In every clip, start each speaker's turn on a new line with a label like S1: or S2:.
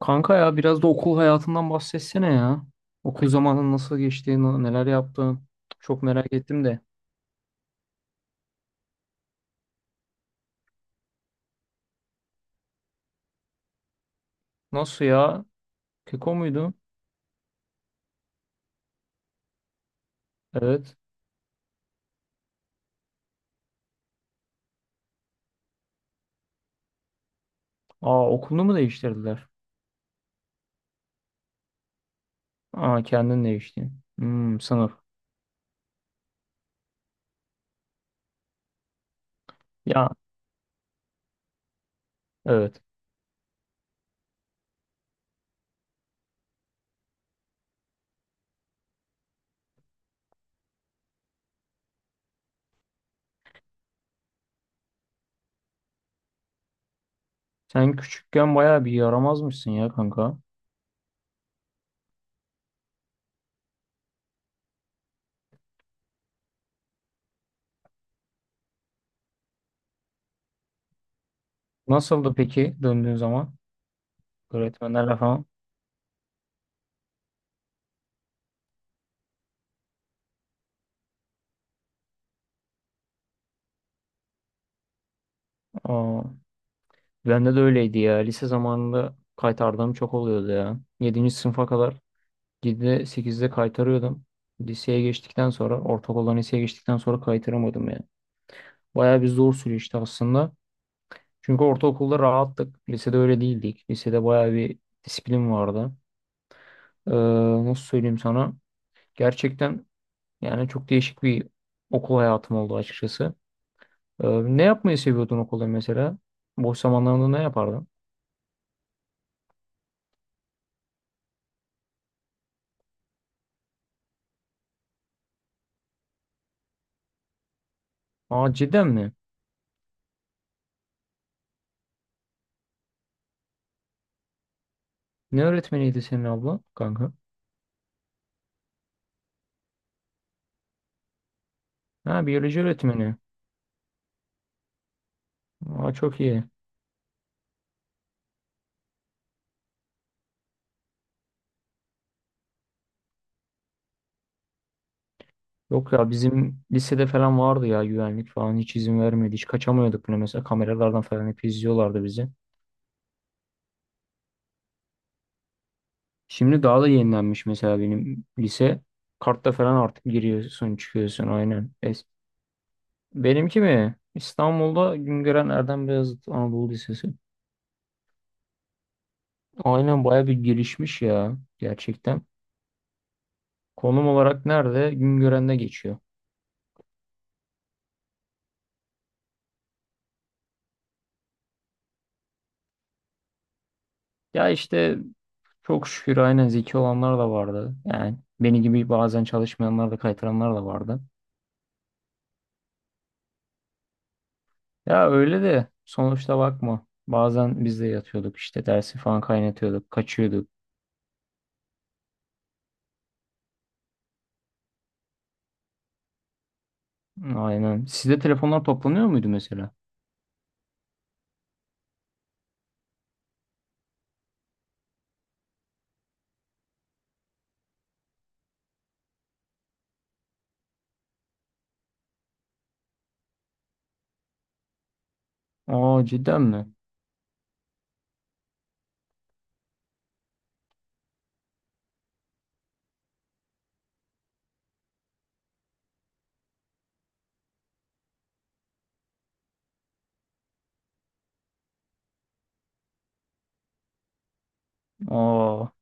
S1: Kanka ya biraz da okul hayatından bahsetsene ya. Okul zamanın nasıl geçti, neler yaptın? Çok merak ettim de. Nasıl ya? Keko muydu? Evet. Aa, okulunu mu değiştirdiler? Aa, kendin değiştin. Hmm, sınıf. Ya, evet. Sen küçükken bayağı bir yaramazmışsın ya kanka. Nasıldı peki döndüğün zaman? Öğretmenlerle falan. Aa, bende de öyleydi ya. Lise zamanında kaytardığım çok oluyordu ya. Yedinci sınıfa kadar. 7'de 8'de kaytarıyordum. Liseye geçtikten sonra ortaokuldan liseye geçtikten sonra kaytaramadım yani. Bayağı bir zor süreçti aslında. Çünkü ortaokulda rahattık. Lisede öyle değildik. Lisede bayağı bir disiplin vardı. Ee, Nasıl söyleyeyim sana? Gerçekten yani çok değişik bir okul hayatım oldu açıkçası. Ee, Ne yapmayı seviyordun okulda mesela? Boş zamanlarında ne yapardın? Aa, cidden mi? Ne öğretmeniydi senin abla kanka? Ha, biyoloji öğretmeni. Aa, çok iyi. Yok ya bizim lisede falan vardı ya güvenlik falan hiç izin vermedi. Hiç kaçamıyorduk bile mesela kameralardan falan hep izliyorlardı bizi. Şimdi daha da yenilenmiş mesela benim lise. Kartla falan artık giriyorsun çıkıyorsun aynen. Benimki mi? İstanbul'da Güngören Erdem Beyazıt Anadolu Lisesi. Aynen baya bir gelişmiş ya gerçekten. Konum olarak nerede? Güngören'de geçiyor. Ya işte çok şükür aynen zeki olanlar da vardı. Yani beni gibi bazen çalışmayanlar da kaytaranlar da vardı. Ya öyle de sonuçta bakma. Bazen biz de yatıyorduk işte dersi falan kaynatıyorduk, kaçıyorduk. Aynen. Sizde telefonlar toplanıyor muydu mesela? Aa, cidden mi? Aa,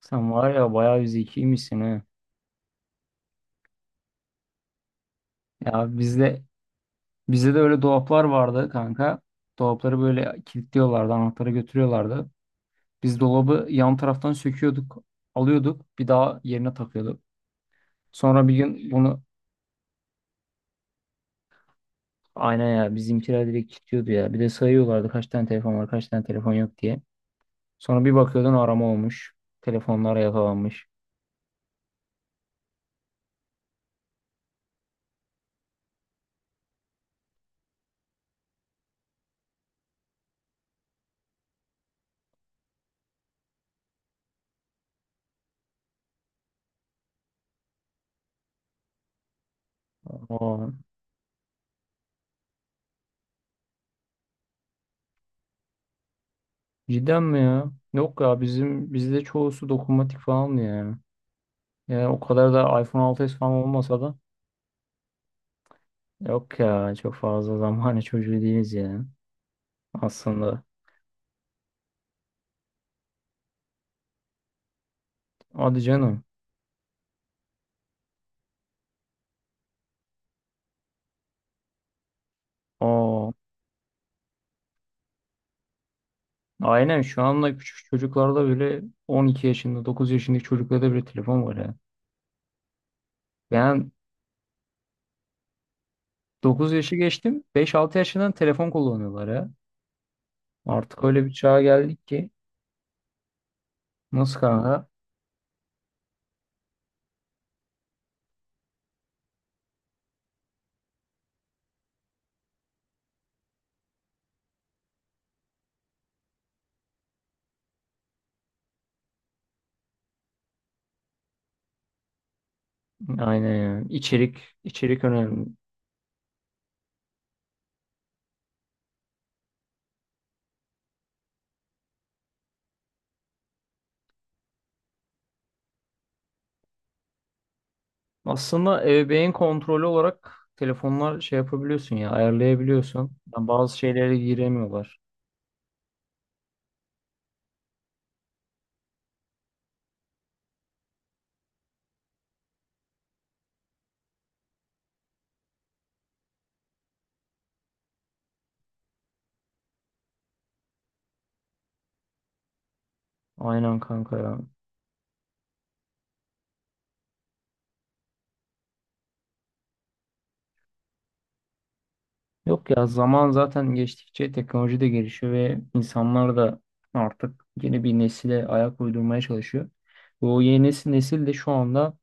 S1: sen var ya bayağı bir zekiymişsin he. Ya bizde de öyle dolaplar vardı kanka. Dolapları böyle kilitliyorlardı, anahtarı götürüyorlardı. Biz dolabı yan taraftan söküyorduk, alıyorduk, bir daha yerine takıyorduk. Sonra bir gün bunu aynen ya bizimkiler direkt kilitliyordu ya. Bir de sayıyorlardı kaç tane telefon var kaç tane telefon yok diye. Sonra bir bakıyordun arama olmuş. Telefonlar yakalanmış. Aa, cidden mi ya? Yok ya bizim bizde çoğusu dokunmatik falan ya. Yani o kadar da iPhone 6s falan olmasa da yok ya çok fazla zamanı çocuğu değiliz ya aslında. Hadi canım. Aa, aynen şu anda küçük çocuklarda bile 12 yaşında 9 yaşındaki çocuklarda bile telefon var ya. Ben 9 yaşı geçtim. 5-6 yaşından telefon kullanıyorlar ya. Artık öyle bir çağa geldik ki. Nasıl kanka? Aynen yani. İçerik, içerik önemli. Aslında ebeveyn kontrolü olarak telefonlar şey yapabiliyorsun ya, ayarlayabiliyorsun. Yani bazı şeylere giremiyorlar. Aynen kanka ya. Yok ya zaman zaten geçtikçe teknoloji de gelişiyor ve insanlar da artık yeni bir nesile ayak uydurmaya çalışıyor. Ve o yeni nesil, nesil de şu anda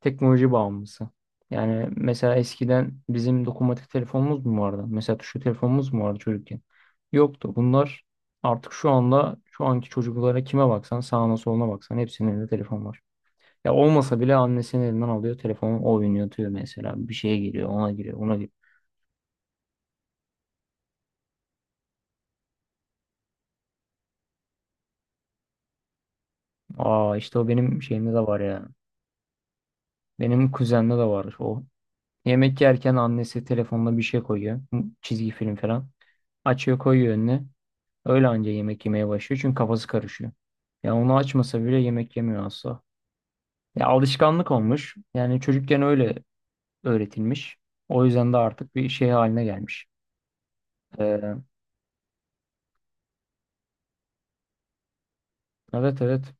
S1: teknoloji bağımlısı. Yani mesela eskiden bizim dokunmatik telefonumuz mu vardı? Mesela tuşlu telefonumuz mu vardı çocukken? Yoktu. Bunlar artık şu anda şu anki çocuklara kime baksan sağına soluna baksan hepsinin elinde telefon var. Ya olmasa bile annesinin elinden alıyor telefonu o oynatıyor mesela. Bir şeye giriyor ona giriyor ona giriyor. Aa, işte o benim şeyimde de var ya. Benim kuzenimde de var o. Yemek yerken annesi telefonuna bir şey koyuyor. Çizgi film falan. Açıyor koyuyor önüne. Öyle anca yemek yemeye başlıyor çünkü kafası karışıyor. Ya onu açmasa bile yemek yemiyor asla. Ya alışkanlık olmuş. Yani çocukken öyle öğretilmiş. O yüzden de artık bir şey haline gelmiş. Ee, evet, evet.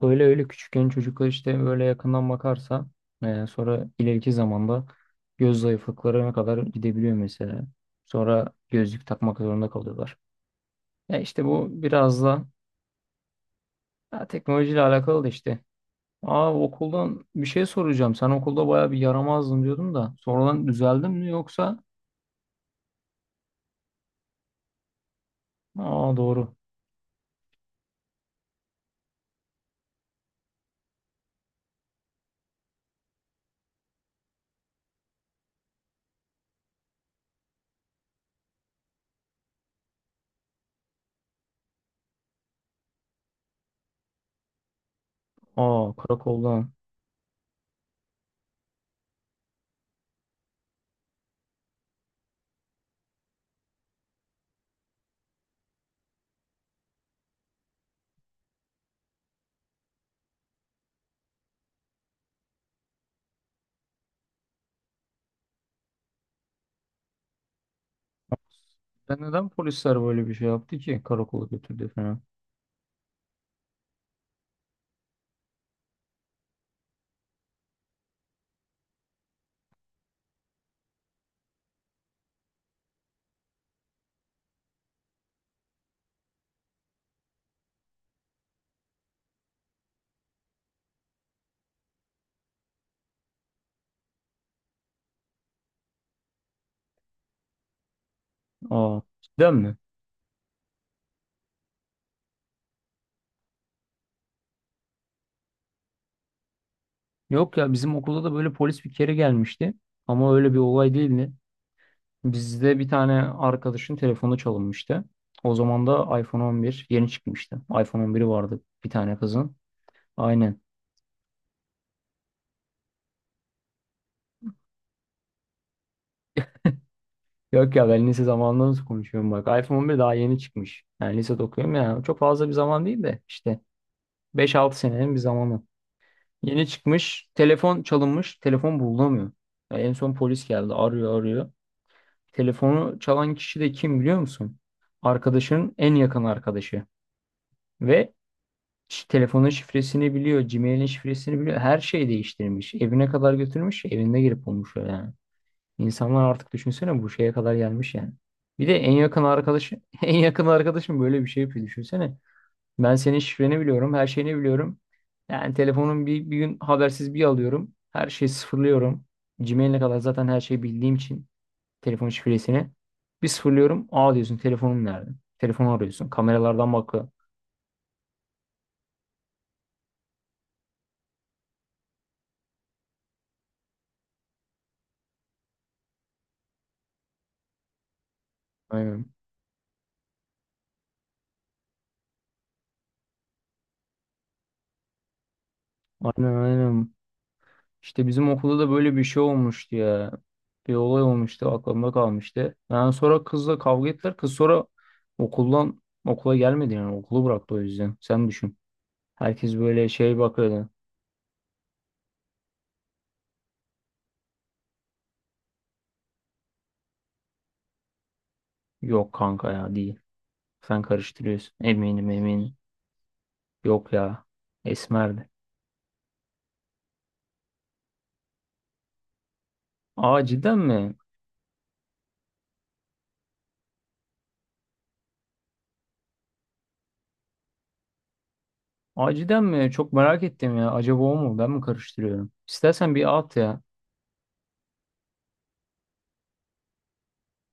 S1: Öyle öyle küçükken çocuklar işte böyle yakından bakarsa sonra ileriki zamanda göz zayıflıklarına kadar gidebiliyor mesela. Sonra gözlük takmak zorunda kalıyorlar. Ya işte bu biraz da ya teknolojiyle alakalı da işte. Aa, okuldan bir şey soracağım. Sen okulda bayağı bir yaramazdın diyordum da. Sonradan düzeldin mi yoksa? Aa, doğru. Aa, karakoldan. Sen neden polisler böyle bir şey yaptı ki? Karakola götürdü falan. Aa, cidden mi? Yok ya bizim okulda da böyle polis bir kere gelmişti. Ama öyle bir olay değildi. Bizde bir tane arkadaşın telefonu çalınmıştı. O zaman da iPhone 11 yeni çıkmıştı. iPhone 11'i vardı bir tane kızın. Aynen. Yok ya ben lise zamanında nasıl konuşuyorum bak. iPhone 11 daha yeni çıkmış. Yani lisede okuyorum ya. Çok fazla bir zaman değil de işte 5-6 senenin bir zamanı. Yeni çıkmış. Telefon çalınmış. Telefon bulunamıyor. Ya en son polis geldi. Arıyor arıyor. Telefonu çalan kişi de kim biliyor musun? Arkadaşının en yakın arkadaşı. Ve telefonun şifresini biliyor. Gmail'in şifresini biliyor. Her şeyi değiştirmiş. Evine kadar götürmüş. Evinde girip bulmuş öyle yani. İnsanlar artık düşünsene bu şeye kadar gelmiş yani. Bir de en yakın arkadaşı, en yakın arkadaşım böyle bir şey yapıyor düşünsene. Ben senin şifreni biliyorum, her şeyini biliyorum. Yani telefonun bir gün habersiz bir alıyorum. Her şeyi sıfırlıyorum. Gmail'e kadar zaten her şeyi bildiğim için telefon şifresini. Bir sıfırlıyorum. Aa, diyorsun telefonum nerede? Telefonu arıyorsun. Kameralardan bakıyor. Aynen. Aynen, aynen. İşte bizim okulda da böyle bir şey olmuştu ya. Bir olay olmuştu aklımda kalmıştı. Yani sonra kızla kavga ettiler. Kız sonra okuldan okula gelmedi yani okulu bıraktı o yüzden. Sen düşün. Herkes böyle şey bakıyordu. Yok kanka ya değil. Sen karıştırıyorsun. Eminim, eminim. Yok ya. Esmerdi. Aa, cidden mi? Aa, cidden mi? Çok merak ettim ya. Acaba o mu? Ben mi karıştırıyorum? İstersen bir at ya.